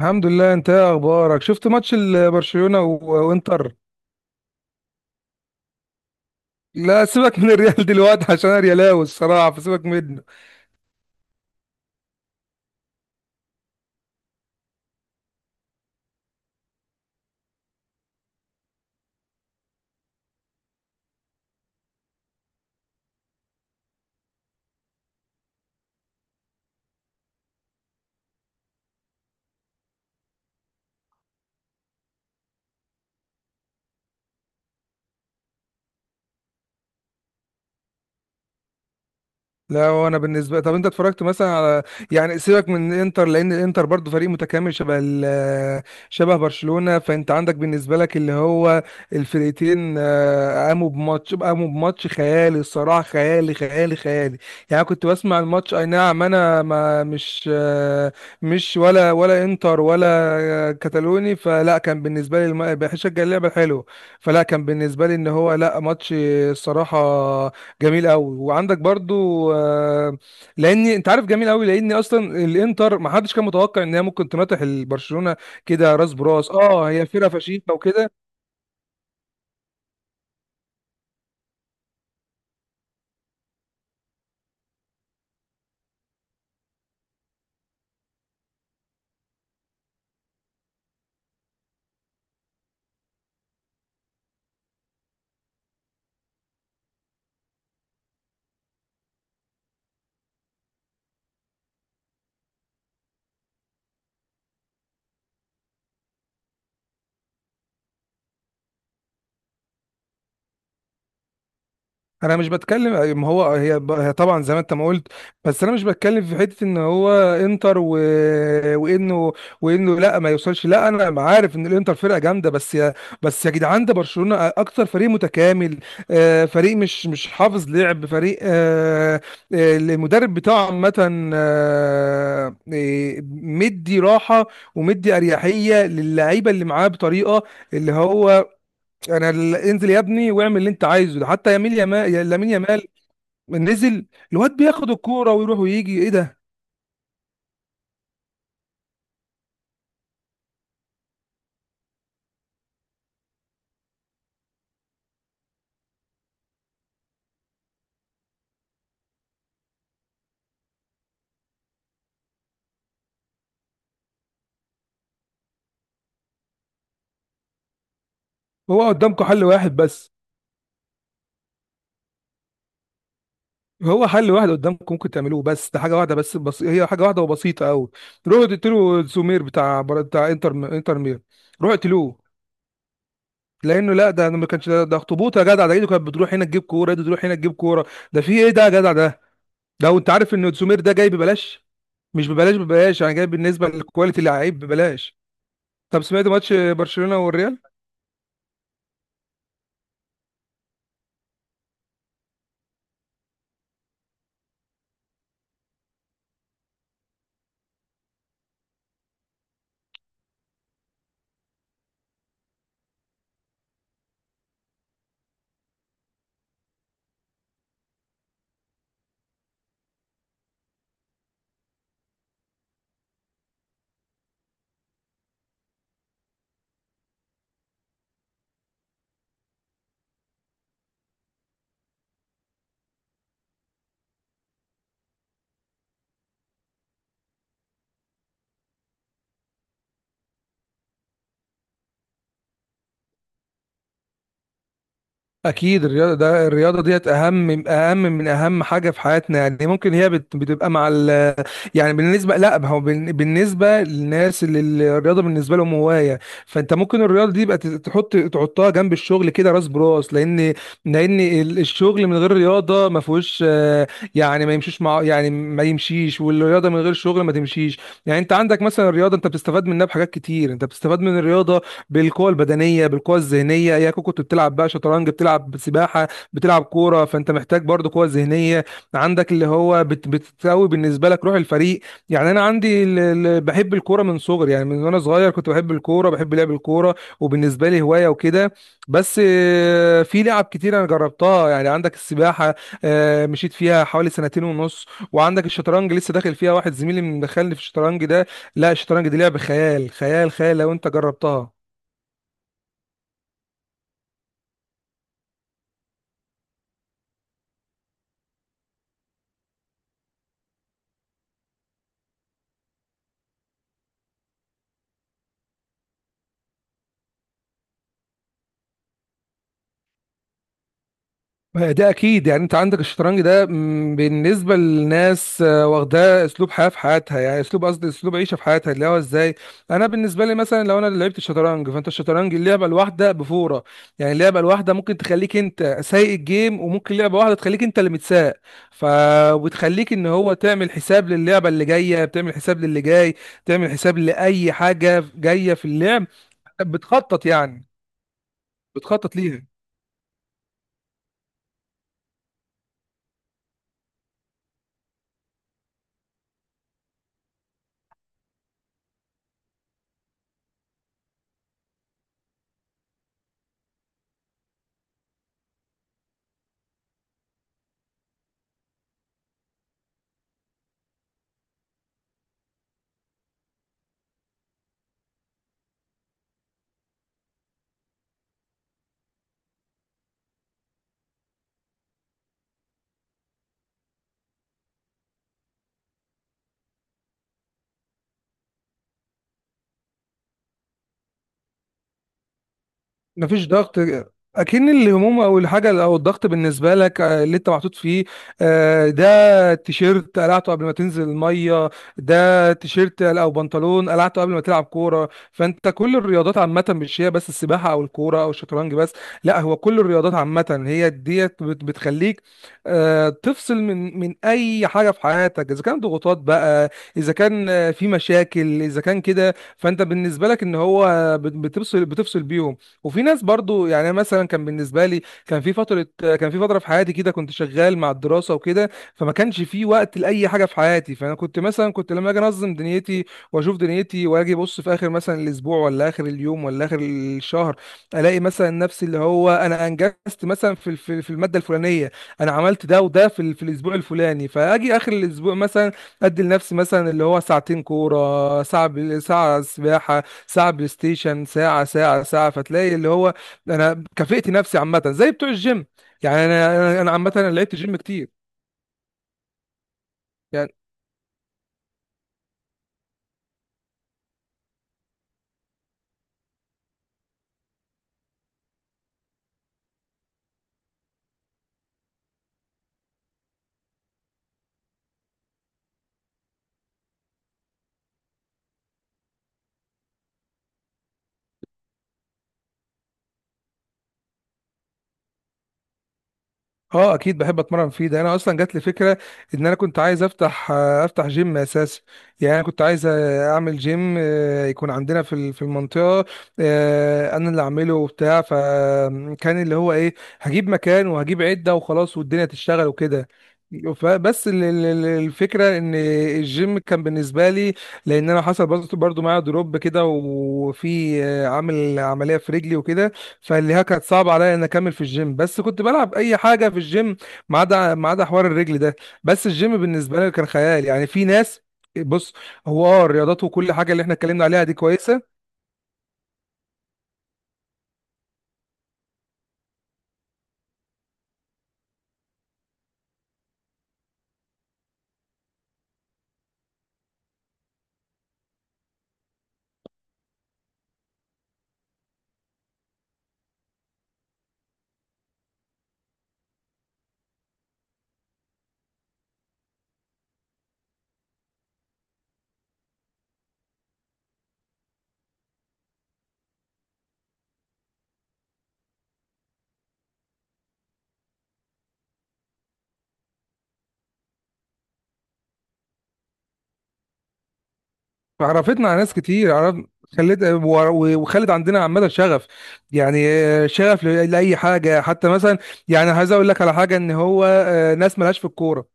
الحمد لله. انت ايه اخبارك؟ شفت ماتش برشلونة و وانتر؟ لا سيبك من الريال دلوقتي عشان انا ريالاوي الصراحة، فسيبك منه. لا وانا بالنسبه، طب انت اتفرجت مثلا على، يعني سيبك من الانتر لان الانتر برضو فريق متكامل شبه شبه برشلونه. فانت عندك بالنسبه لك اللي هو الفرقتين، قاموا بماتش، قاموا بماتش خيالي الصراحه، خيالي خيالي خيالي. يعني أنا كنت بسمع الماتش، اي نعم انا ما مش آه، مش ولا ولا انتر ولا، كتالوني، فلا كان بالنسبه لي بشجع اللعبه الحلوه. فلا كان بالنسبه لي ان هو لا ماتش الصراحه جميل قوي. وعندك برضو لاني انت عارف جميل قوي لاني اصلا الانتر ما حدش كان متوقع ان هي ممكن تناطح البرشلونه كده راس براس. اه هي فرقه فشيخه وكده. انا مش بتكلم، ما هو هي طبعا زي ما انت ما قلت، بس انا مش بتكلم في حته ان هو انتر و... وانه وانه لا ما يوصلش. لا انا عارف ان الانتر فرقه جامده، بس يا، بس يا جدعان ده برشلونه اكتر فريق متكامل. فريق مش حافظ لعب، فريق المدرب بتاعه عامه، مدي راحه ومدي اريحيه للعيبه اللي معاه بطريقه اللي هو انا انزل يا ابني واعمل اللي انت عايزه ده، حتى يمين يمال، لامين يامال. نزل الواد بياخد الكوره ويروح ويجي، ايه ده؟ هو قدامكم حل واحد بس. هو حل واحد قدامكم ممكن تعملوه، بس ده حاجه واحده بس، بس هي حاجه واحده وبسيطه قوي. روحوا تقتلوا سمير بتاع انتر، انتر مير. روحوا اقتلوه. لانه لا ده ما كانش، ده اخطبوط يا جدع. ده ايده كانت بتروح هنا تجيب كوره، ايده تروح هنا تجيب كوره. ده في ايه ده يا جدع ده؟ لو انت عارف ان سمير ده جاي ببلاش. مش ببلاش ببلاش يعني جاي بالنسبه للكواليتي اللي لعيب ببلاش. طب سمعت ماتش برشلونة والريال؟ أكيد الرياضة، ده الرياضة ديت أهم، أهم من أهم حاجة في حياتنا. يعني ممكن هي بتبقى مع ال، يعني بالنسبة لا ما هو بالنسبة للناس اللي الرياضة بالنسبة لهم هواية، فأنت ممكن الرياضة دي يبقى تحط، تحطها جنب الشغل كده راس براس. لأن لأن الشغل من غير رياضة ما فيهوش يعني ما يمشيش، مع يعني ما يمشيش، والرياضة من غير شغل ما تمشيش. يعني أنت عندك مثلا الرياضة، أنت بتستفاد منها بحاجات كتير. أنت بتستفاد من الرياضة بالقوه البدنيه، بالقوه الذهنيه. يا كنت بتلعب بقى شطرنج، بتلعب سباحه، بتلعب كوره، فانت محتاج برضو قوه ذهنيه. عندك اللي هو بت بتساوي بالنسبه لك روح الفريق. يعني انا عندي بحب الكوره من صغري. يعني من وانا صغير كنت بحب الكوره، بحب لعب الكوره، وبالنسبه لي هوايه وكده. بس في لعب كتير انا جربتها. يعني عندك السباحه، مشيت فيها حوالي سنتين ونص. وعندك الشطرنج لسه داخل فيها، واحد زميلي مدخلني في الشطرنج ده. لا الشطرنج دي لعب خيال، خيال خيال لو انت جربتها. ده اكيد، يعني انت عندك الشطرنج ده م، بالنسبه للناس واخداه اسلوب حياه في حياتها. يعني اسلوب، قصدي اسلوب عيشه في حياتها، اللي هو ازاي. انا بالنسبه لي مثلا لو انا اللي لعبت الشطرنج، فانت الشطرنج اللعبه الواحده بفوره. يعني اللعبه الواحده ممكن تخليك انت سايق الجيم، وممكن لعبه واحده تخليك انت اللي متساق. ف وتخليك ان هو تعمل حساب للعبه اللي جايه، بتعمل حساب للي جاي، بتعمل حساب لاي حاجه جايه في اللعب. بتخطط يعني، بتخطط ليها. مفيش ضغط. اكن الهموم او الحاجه او الضغط بالنسبه لك، اللي انت محطوط فيه، ده تيشيرت قلعته قبل ما تنزل الميه، ده تيشيرت او بنطلون قلعته قبل ما تلعب كوره. فانت كل الرياضات عامه، مش هي بس السباحه او الكوره او الشطرنج بس. لا هو كل الرياضات عامه هي ديت بتخليك تفصل من اي حاجه في حياتك، اذا كان ضغوطات بقى، اذا كان في مشاكل، اذا كان كده فانت بالنسبه لك ان هو بتفصل بيهم. وفي ناس برضو، يعني أنا مثلا كان بالنسبه لي، كان في فتره، كان في فتره في حياتي كده كنت شغال مع الدراسه وكده، فما كانش في وقت لاي حاجه في حياتي. فانا كنت مثلا كنت لما اجي انظم دنيتي واشوف دنيتي، واجي ابص في اخر مثلا الاسبوع ولا اخر اليوم ولا اخر الشهر، الاقي مثلا نفسي اللي هو انا انجزت مثلا في في الماده الفلانيه، انا عملت ده وده في الاسبوع الفلاني. فاجي اخر الاسبوع مثلا ادي لنفسي مثلا اللي هو ساعتين كوره، ساعه ساعه سباحه، ساعة بلاي ستيشن، ساعة ساعة ساعة، فتلاقي اللي هو أنا كافئت نفسي عامة زي بتوع الجيم. يعني أنا عامة أنا لعبت جيم كتير يعني. اه اكيد بحب اتمرن فيه. ده انا اصلا جات لي فكره ان انا كنت عايز افتح افتح جيم اساسا. يعني انا كنت عايز اعمل جيم، يكون عندنا في المنطقه، انا اللي اعمله وبتاع. فكان اللي هو ايه، هجيب مكان وهجيب عده وخلاص والدنيا تشتغل وكده. بس الفكره ان الجيم كان بالنسبه لي، لان انا حصل برضه معايا دروب كده، وفي عامل عمليه في رجلي وكده، فاللي هي كانت صعبه عليا ان اكمل في الجيم. بس كنت بلعب اي حاجه في الجيم ما عدا، ما عدا حوار الرجل ده. بس الجيم بالنسبه لي كان خيال، يعني في ناس. بص، هو اه الرياضات وكل حاجه اللي احنا اتكلمنا عليها دي كويسه. عرفتنا على ناس كتير، عرف خلت وخلت عندنا عامه شغف. يعني شغف لاي حاجه. حتى مثلا يعني عايز اقول لك على حاجه ان هو ناس ملهاش في الكوره،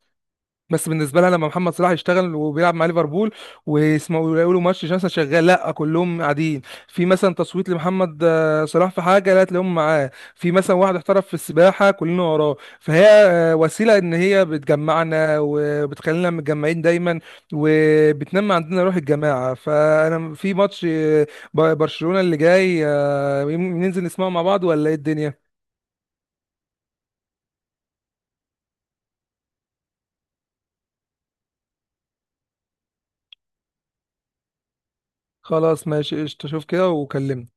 بس بالنسبه لها لما محمد صلاح يشتغل وبيلعب مع ليفربول، ويسمعوا يقولوا ماتش مثلا شغال، لا كلهم قاعدين. في مثلا تصويت لمحمد صلاح في حاجه، لا تلاقيهم معاه. في مثلا واحد احترف في السباحه، كلنا وراه. فهي وسيله ان هي بتجمعنا وبتخلينا متجمعين دايما، وبتنمي عندنا روح الجماعه. فانا في ماتش برشلونه اللي جاي، ننزل نسمعه مع بعض ولا ايه الدنيا؟ خلاص ماشي قشطه، شوف كده وكلمني.